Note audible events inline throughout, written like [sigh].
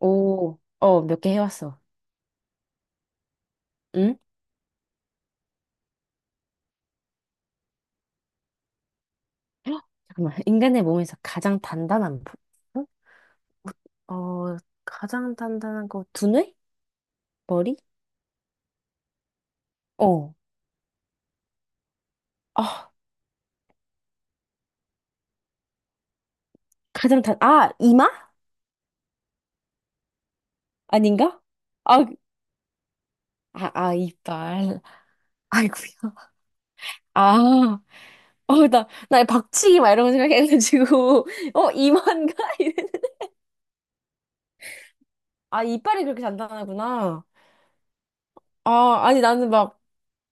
오, 어, 몇 개 해왔어. 응? 헉, 잠깐만. 인간의 몸에서 가장 단단한 부분? 어, 가장 단단한 거, 두뇌? 머리? 어. 아, 아, 이마? 아닌가? 아, 아, 아, 이빨. [laughs] 아이고야. 아, 어, 나 박치기 막 이런 거 생각해가지고, [laughs] 어, 이마인가? 이랬는데. 아, 이빨이 그렇게 단단하구나. 아, 아니, 나는 막,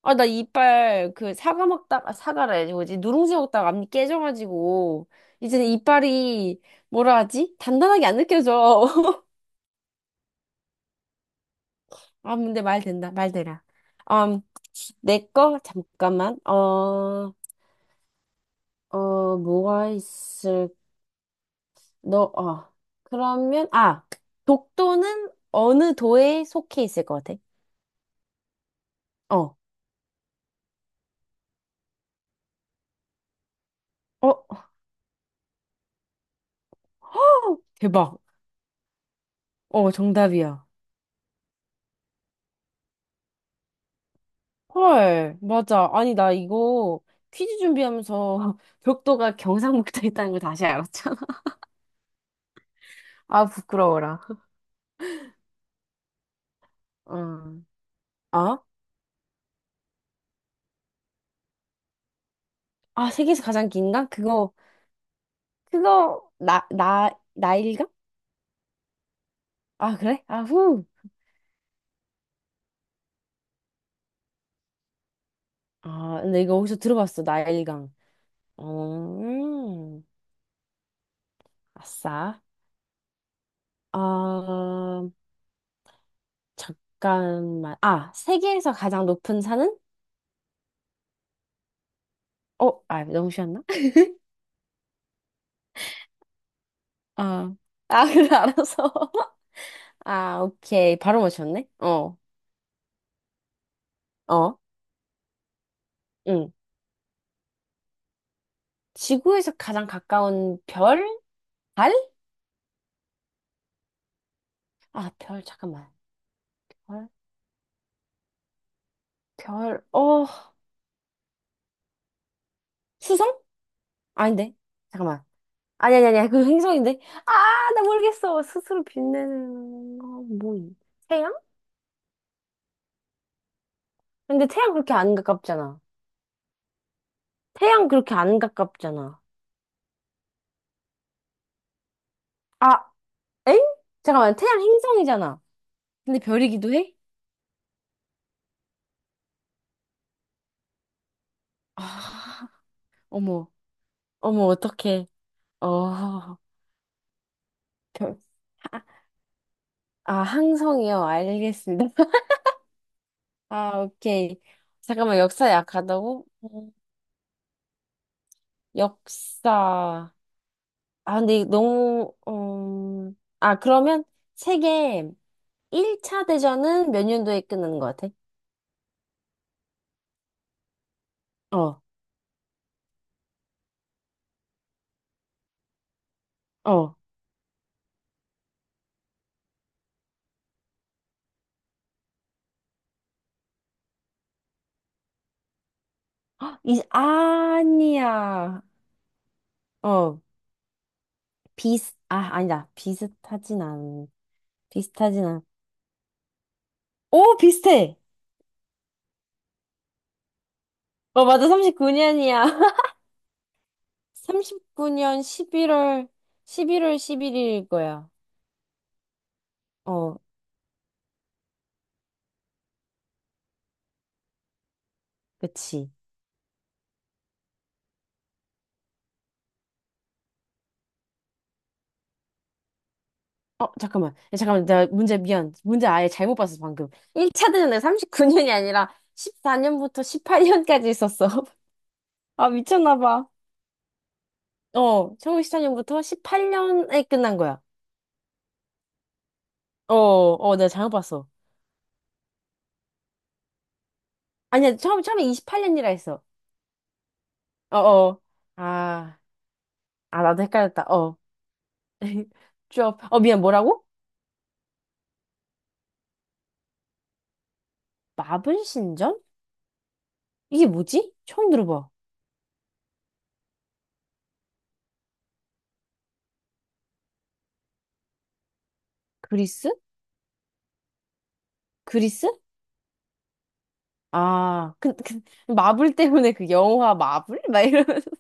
아, 나 이빨, 그, 사과 먹다가, 사과라 해야지, 뭐지? 누룽지 먹다가 앞니 깨져가지고, 이제 이빨이, 뭐라 하지? 단단하게 안 느껴져. [laughs] 아, 근데 말 된다, 말 되라. 음, 내 거? 잠깐만. 어, 어, 너, 어. 그러면, 아, 독도는 어느 도에 속해 있을 것 같아? 어, 어, [laughs] 대박. 어, 정답이야. 헐, 맞아. 아니, 나 이거 퀴즈 준비하면서 [laughs] 벽도가 경상북도에 있다는 걸 다시 알았잖아. [laughs] 아, 부끄러워라. 응. 아? 아, 세계에서 가장 긴가? 그거, 그거, 나일강? 아, 그래? 아, 후. 아, 근데 이거 어디서 들어봤어, 나일강. 어, 음, 아싸. 아, 잠깐만. 아, 세계에서 가장 높은 산은? 어, 아, 너무 쉬웠나? [laughs] 아, 아, 그래, 알았어. 아, 오케이. 바로 맞췄네? 어, 어, 응. 지구에서 가장 가까운 별? 달? 아, 별, 잠깐만. 별, 별, 어, 수성? 아닌데. 잠깐만. 아니, 아니, 아니, 그 행성인데. 아, 나 모르겠어. 스스로 빛내는 거, 뭐, 태양? 근데 태양 그렇게 안 가깝잖아. 태양 그렇게 안 가깝잖아. 아, 엥? 잠깐만, 태양 행성이잖아. 근데 별이기도 해? 아, 어머, 어머, 어떡해. 어, 별. 아. 아, 항성이요. 알겠습니다. [laughs] 아, 오케이. 잠깐만, 역사 약하다고? 역사. 아, 근데 이거 너무, 아, 그러면 세계 1차 대전은 몇 년도에 끝나는 것 같아? 어, 어. [gasps] 헉, 아니야. 어, 아, 아니다. 비슷하진 않. 오, 비슷해! 어, 맞아. 39년이야. 39년 11월, 11월 11일일 [laughs] 거야. 어. 그치. 어, 잠깐만. 야, 잠깐만. 미안. 문제 아예 잘못 봤어, 방금. 1차 대전에 39년이 아니라 14년부터 18년까지 있었어. [laughs] 아, 미쳤나 봐. 어, 1 9십4년부터 18년에 끝난 거야. 어, 어, 내가 잘못 봤어. 아니야, 처음에 28년이라 했어. 어, 어. 아, 아, 나도 헷갈렸다. 어. [laughs] 쭉. 어, 미안, 뭐라고? 마블 신전? 이게 뭐지? 처음 들어봐. 그리스? 그리스? 아, 마블 때문에 그 영화 마블? [laughs] 막 이러면서.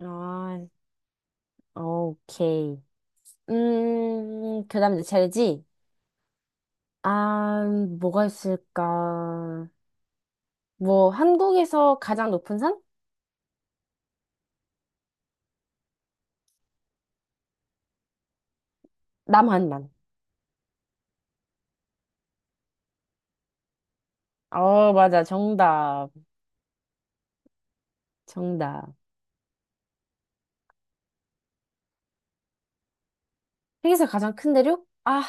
아, 오케이. 그 다음 이제 젤지. 아, 뭐가 있을까? 뭐, 한국에서 가장 높은 산? 남한만. 어, 맞아. 정답. 정답. 세계에서 가장 큰 대륙? 아,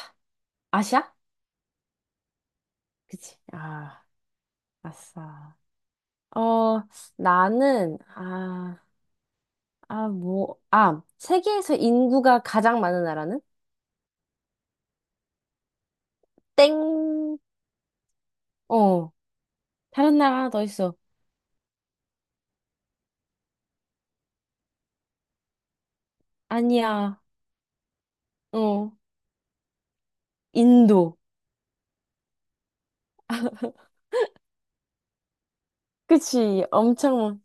아시아? 그치. 아, 아싸. 어, 나는, 아, 아, 뭐, 아, 세계에서 인구가 가장 많은 나라는? 땡. 어, 다른 나라 하나 더 있어. 아니야, 어, 인도. 그치, 엄청,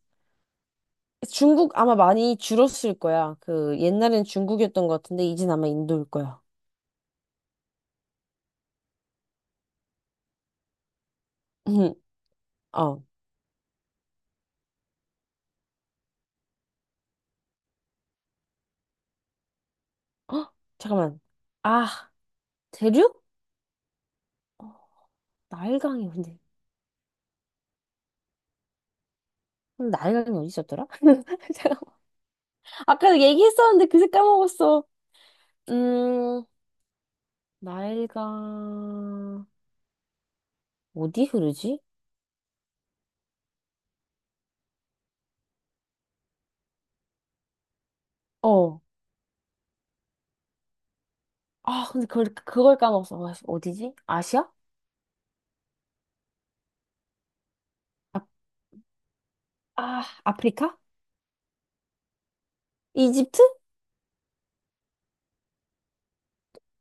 중국 아마 많이 줄었을 거야. 그, 옛날엔 중국이었던 것 같은데, 이젠 아마 인도일 거야. [laughs] 음, 어, [gasps] 헉, 잠깐만. 아, 대륙? 어, 나일강이 근데. 근데 나일강이 어디 있었더라? [laughs] 잠깐만. 아까 얘기했었는데 그새 까먹었어. 음, 나일강, 어디 흐르지? 어. 아, 근데 그걸 까먹었어. 아, 어디지? 아시아? 아, 아프리카? 이집트?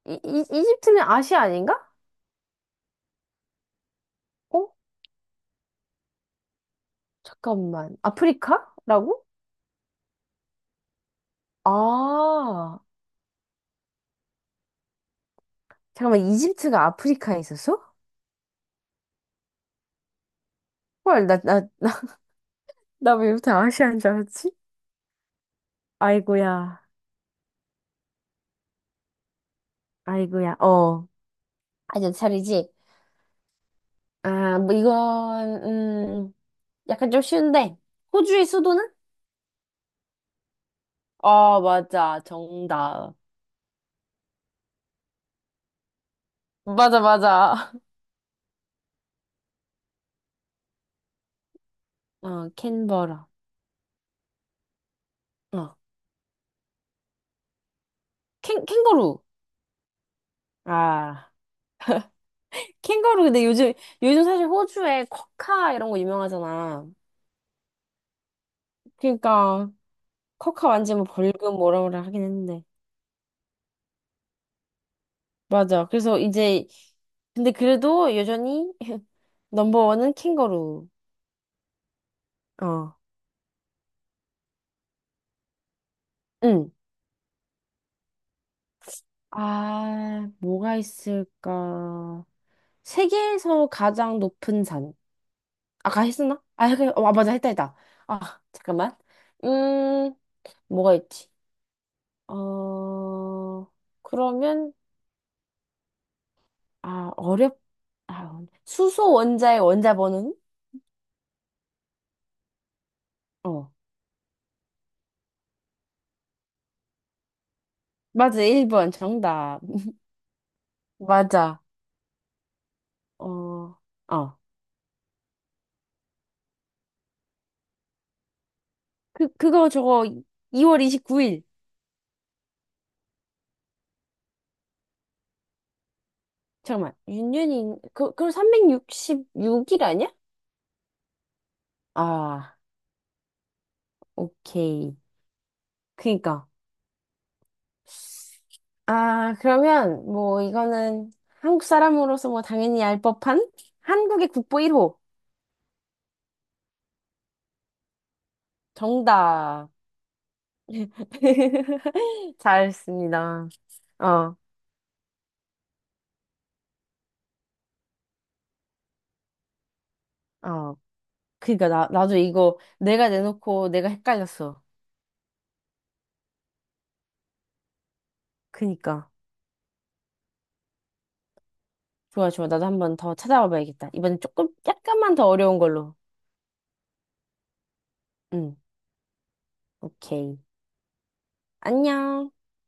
이집트는 아시아 아닌가? 어? 잠깐만. 아프리카라고? 아, 잠깐만. 이집트가 아프리카에 있었어? 헐, 나, [laughs] 나 왜 이렇게 아시아인 줄 알았지? 아이고야, 아이고야, 어. 아저 차리지? 아, 뭐, 이건, 약간 좀 쉬운데. 호주의 수도는? 아, 맞아. 정답. 맞아, 맞아. [laughs] 어, 캔버라. 어, 캥거루. 아. 캥거루 근데 요즘 사실 호주에 쿼카 이런 거 유명하잖아. 그러니까 쿼카 완전 뭐 벌금 뭐라 뭐라 하긴 했는데. 맞아. 그래서 이제 근데 그래도 여전히 [laughs] 넘버원은 캥거루. 어. 응. 아, 뭐가 있을까? 세계에서 가장 높은 산. 아까 했었나? 아, 어, 맞아. 했다 했다. 아, 잠깐만. 음, 뭐가 있지? 어, 그러면 아, 어렵, 아, 수소 원자의 원자 번호는? 어, 맞아, 1번 정답. 맞아. 어, 어. 그거 저거 2월 29일. 잠깐만. 윤년이, 그럼 366일 아니야? 아, 오케이. 그니까. 아, 그러면 뭐 이거는 한국 사람으로서 뭐 당연히 알 법한 한국의 국보 1호. 정답. [laughs] 잘했습니다. 어, 어. 그니까 나 나도 이거 내가 내놓고 내가 헷갈렸어. 그니까 좋아 좋아 나도 한 번 더 찾아와 봐야겠다. 이번엔 조금 약간만 더 어려운 걸로. 응 오케이 안녕.